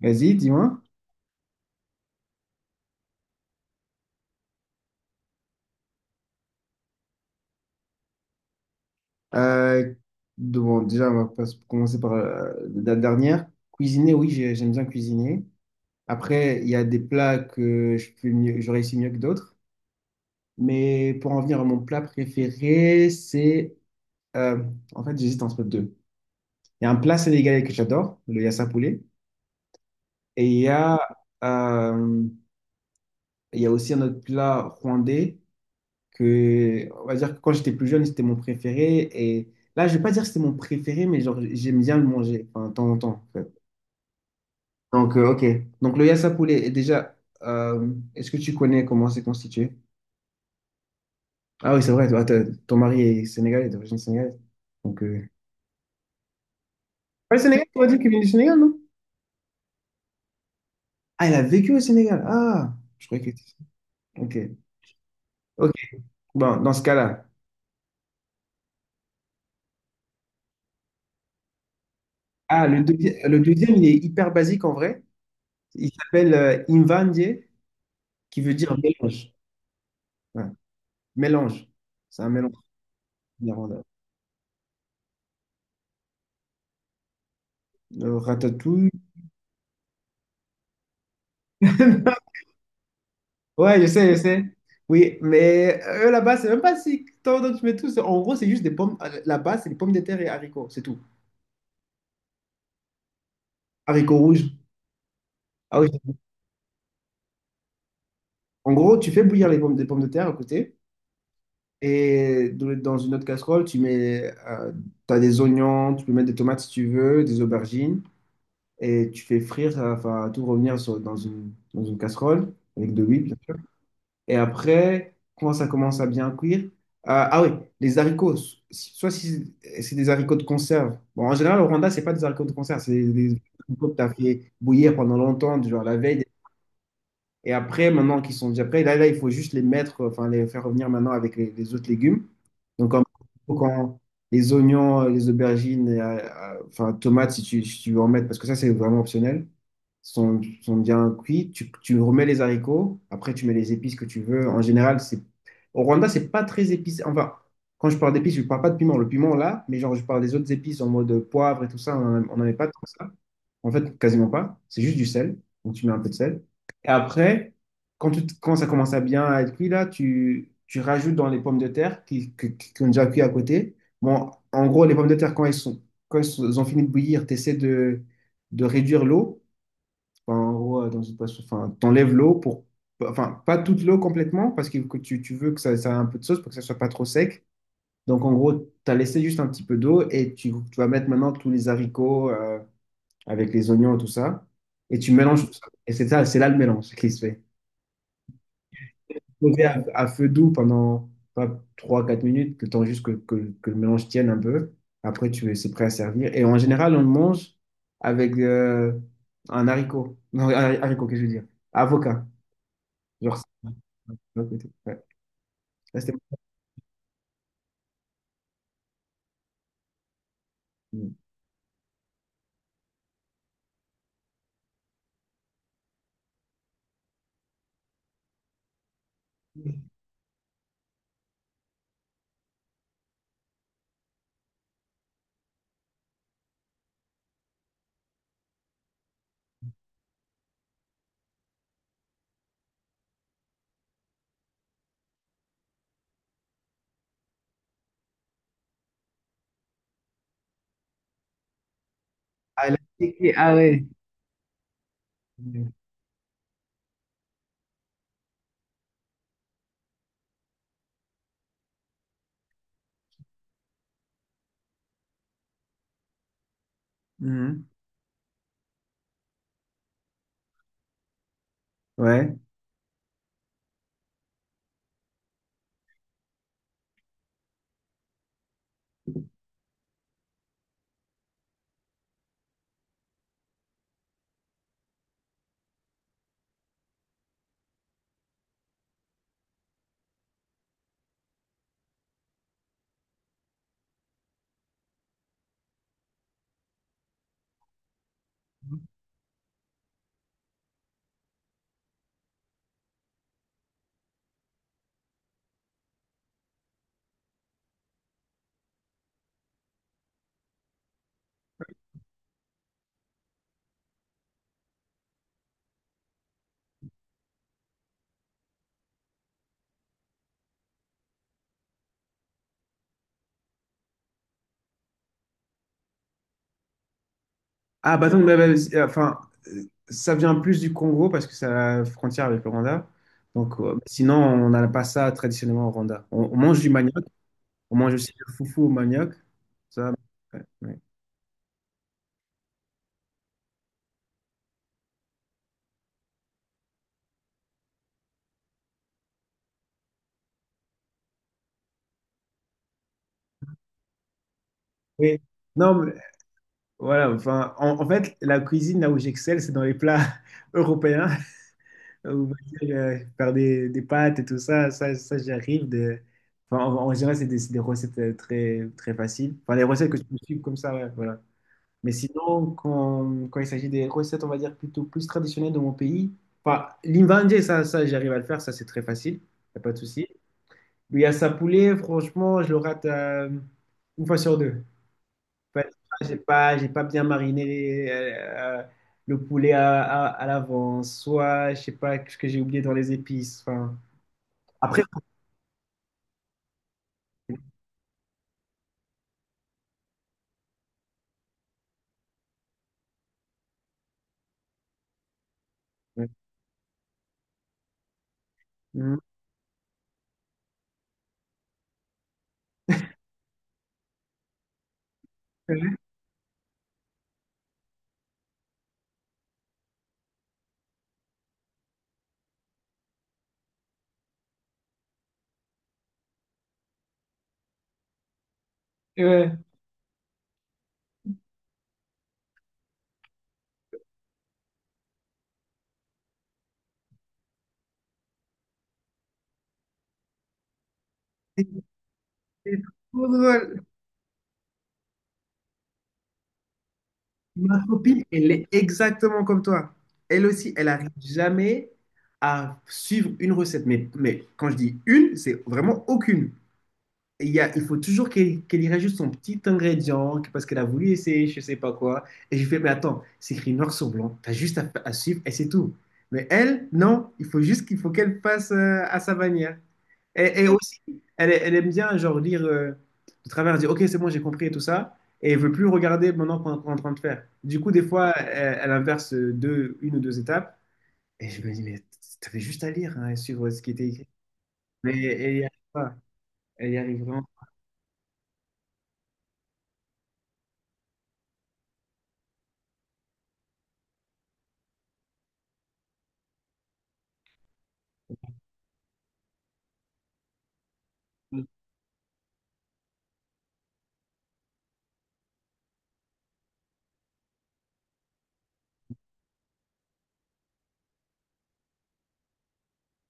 Vas-y, dis-moi. Euh, bon, déjà, on va pas commencer par la dernière. Cuisiner, oui, j'aime bien cuisiner. Après, il y a des plats que je fais mieux, je réussis mieux que d'autres. Mais pour en venir à mon plat préféré, c'est... euh, en fait, j'hésite entre deux. Il y a un plat sénégalais que j'adore, le yassa poulet. Et euh, il y a aussi un autre plat rwandais que, on va dire que quand j'étais plus jeune, c'était mon préféré. Et là, je vais pas dire que c'était mon préféré, mais genre, j'aime bien le manger, enfin, de temps en temps, en fait. Donc, ok. Donc, le yassa poulet, et déjà, est-ce que tu connais comment c'est constitué? Ah oui, c'est vrai, toi, ton mari est sénégalais, d'origine sénégalaise. Donc, Ouais, Sénégal, tu m'as dit qu'il vient du Sénégal, non? Ah, elle a vécu au Sénégal. Ah, je croyais que... Ok, ok. Bon, dans ce cas-là. Ah, le deuxième, il est hyper basique en vrai. Il s'appelle Imvandye, qui veut dire mélange. Ouais. Mélange. C'est un mélange néerlandais. Ratatouille. Ouais, je sais, je sais. Oui, mais eux là-bas, c'est même pas si tant dont tu mets tout. En gros, c'est juste des pommes. Là-bas, c'est des pommes de terre et haricots, c'est tout. Haricots rouges. Ah oui. En gros, tu fais bouillir les pommes, des pommes de terre à côté. Et dans une autre casserole, tu mets. Tu as des oignons, tu peux mettre des tomates si tu veux, des aubergines. Et tu fais frire, ça va tout revenir dans dans une casserole avec de l'huile, bien sûr. Et après, quand ça commence à bien cuire, ah oui, les haricots, soit si c'est des haricots de conserve. Bon, en général, au Rwanda, c'est pas des haricots de conserve, c'est des haricots que tu as fait bouillir pendant longtemps, du genre la veille. Et après, maintenant qu'ils sont déjà prêts, là, il faut juste les mettre, enfin, les faire revenir maintenant avec les autres légumes. Donc, en quand les oignons, les aubergines, et, enfin, tomates, si si tu veux en mettre, parce que ça, c'est vraiment optionnel, sont bien cuits. Tu remets les haricots. Après, tu mets les épices que tu veux. En général, c'est au Rwanda, c'est pas très épicé. Enfin, quand je parle d'épices, je parle pas de piment. Le piment, là, mais genre, je parle des autres épices en mode poivre et tout ça, on n'en met pas tant que ça. En fait, quasiment pas. C'est juste du sel. Donc, tu mets un peu de sel. Et après, quand ça commence à bien être cuit, là, tu rajoutes dans les pommes de terre qui ont déjà cuit à côté. Bon, en gros, les pommes de terre, quand elles ont fini de bouillir, tu essaies de réduire l'eau. Enfin, en gros, enfin, t'enlèves l'eau pour, enfin, pas toute l'eau complètement parce que tu veux que ça ait un peu de sauce pour que ça soit pas trop sec. Donc, en gros, tu as laissé juste un petit peu d'eau et tu vas mettre maintenant tous les haricots, avec les oignons et tout ça, et tu mélanges tout ça. Et c'est ça, c'est là le mélange qui se fait. Sauter à feu doux pendant trois quatre minutes, le temps juste que le mélange tienne un peu. Après, tu c'est prêt à servir. Et en général, on le mange avec un haricot. Non, haricot, qu'est-ce que je veux dire? Avocat. Genre, ça. Ouais. Ça, c'était- Ah, la- ah ouais. Mhm. Ouais. Ah, enfin, euh, ça vient plus du Congo parce que c'est à la frontière avec le Rwanda. Donc, sinon, on n'a pas ça traditionnellement au Rwanda. On mange du manioc, on mange aussi le foufou au manioc. Ça, ouais, ouais. Oui. Non, mais voilà, enfin, en fait, la cuisine, là où j'excelle, c'est dans les plats européens. Où, on va dire, faire des pâtes et tout ça, ça j'y arrive. De... Enfin, en général, c'est des recettes très faciles. Enfin, les recettes que tu peux suivre comme ça, ouais, voilà. Mais sinon, quand il s'agit des recettes, on va dire plutôt plus traditionnelles de mon pays, enfin, l'invandé, ça j'arrive à le faire, ça c'est très facile, y a pas de souci. Mais à sa poulet, franchement, je le rate une fois sur deux. Enfin, j'ai pas bien mariné le poulet à l'avance, soit je sais pas ce que j'ai oublié dans les épices. Enfin, après, mhm. Ouais. C'est c'est trop drôle. Ma copine, elle est exactement comme toi. Elle aussi, elle n'arrive jamais à suivre une recette. Mais quand je dis une, c'est vraiment aucune. Il y a- il faut toujours qu'elle y rajoute son petit ingrédient que- parce qu'elle a voulu essayer, je sais pas quoi. Et je fais, mais attends, c'est écrit noir sur blanc, t'as juste à suivre et c'est tout. Mais elle, non, il faut juste qu'elle fasse à sa manière. Et aussi, elle aime bien genre lire de travers, dire, ok, c'est bon, j'ai compris et tout ça. Et elle veut plus regarder maintenant qu'on est en train de faire. Du coup, des fois, elle inverse une ou deux étapes. Et je me dis, mais t'avais juste à lire hein, et suivre ce qui était écrit. Mais elle y arrive pas. Elle y arrive vraiment pas.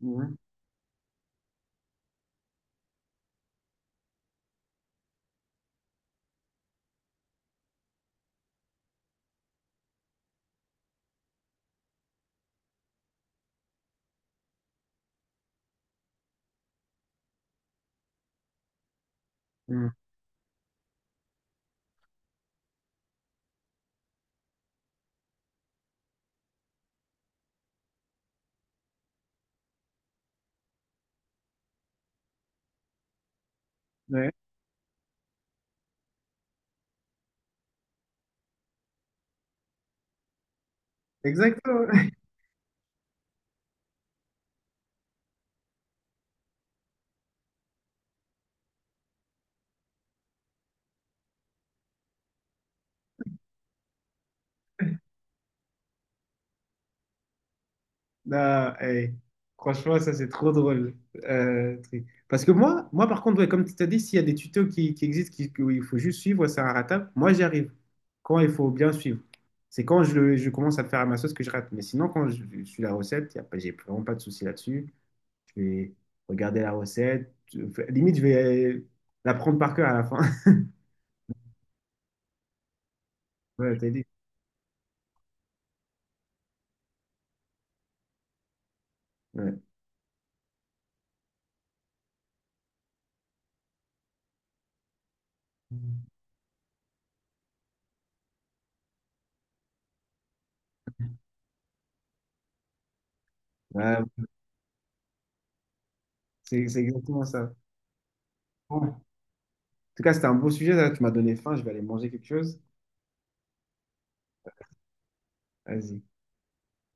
Mhm. Mm. Ouais, exactement. Non, hey, franchement, ça c'est trop drôle. Truc. Parce que moi, par contre, ouais, comme tu t'as dit, s'il y a des tutos qui existent, où il faut juste suivre, ouais, c'est un ratable, moi j'y arrive. Quand il faut bien suivre. C'est quand je commence à le faire à ma sauce que je rate. Mais sinon, quand je suis la recette, y a pas- j'ai vraiment pas de souci là-dessus. Je vais regarder la recette. Je- limite, je vais la prendre par cœur à la fin. Ouais, t'as dit. Ouais. Ouais, c'est exactement ça. Tout cas, c'était un beau sujet là. Tu m'as donné faim. Je vais aller manger quelque chose. Vas-y.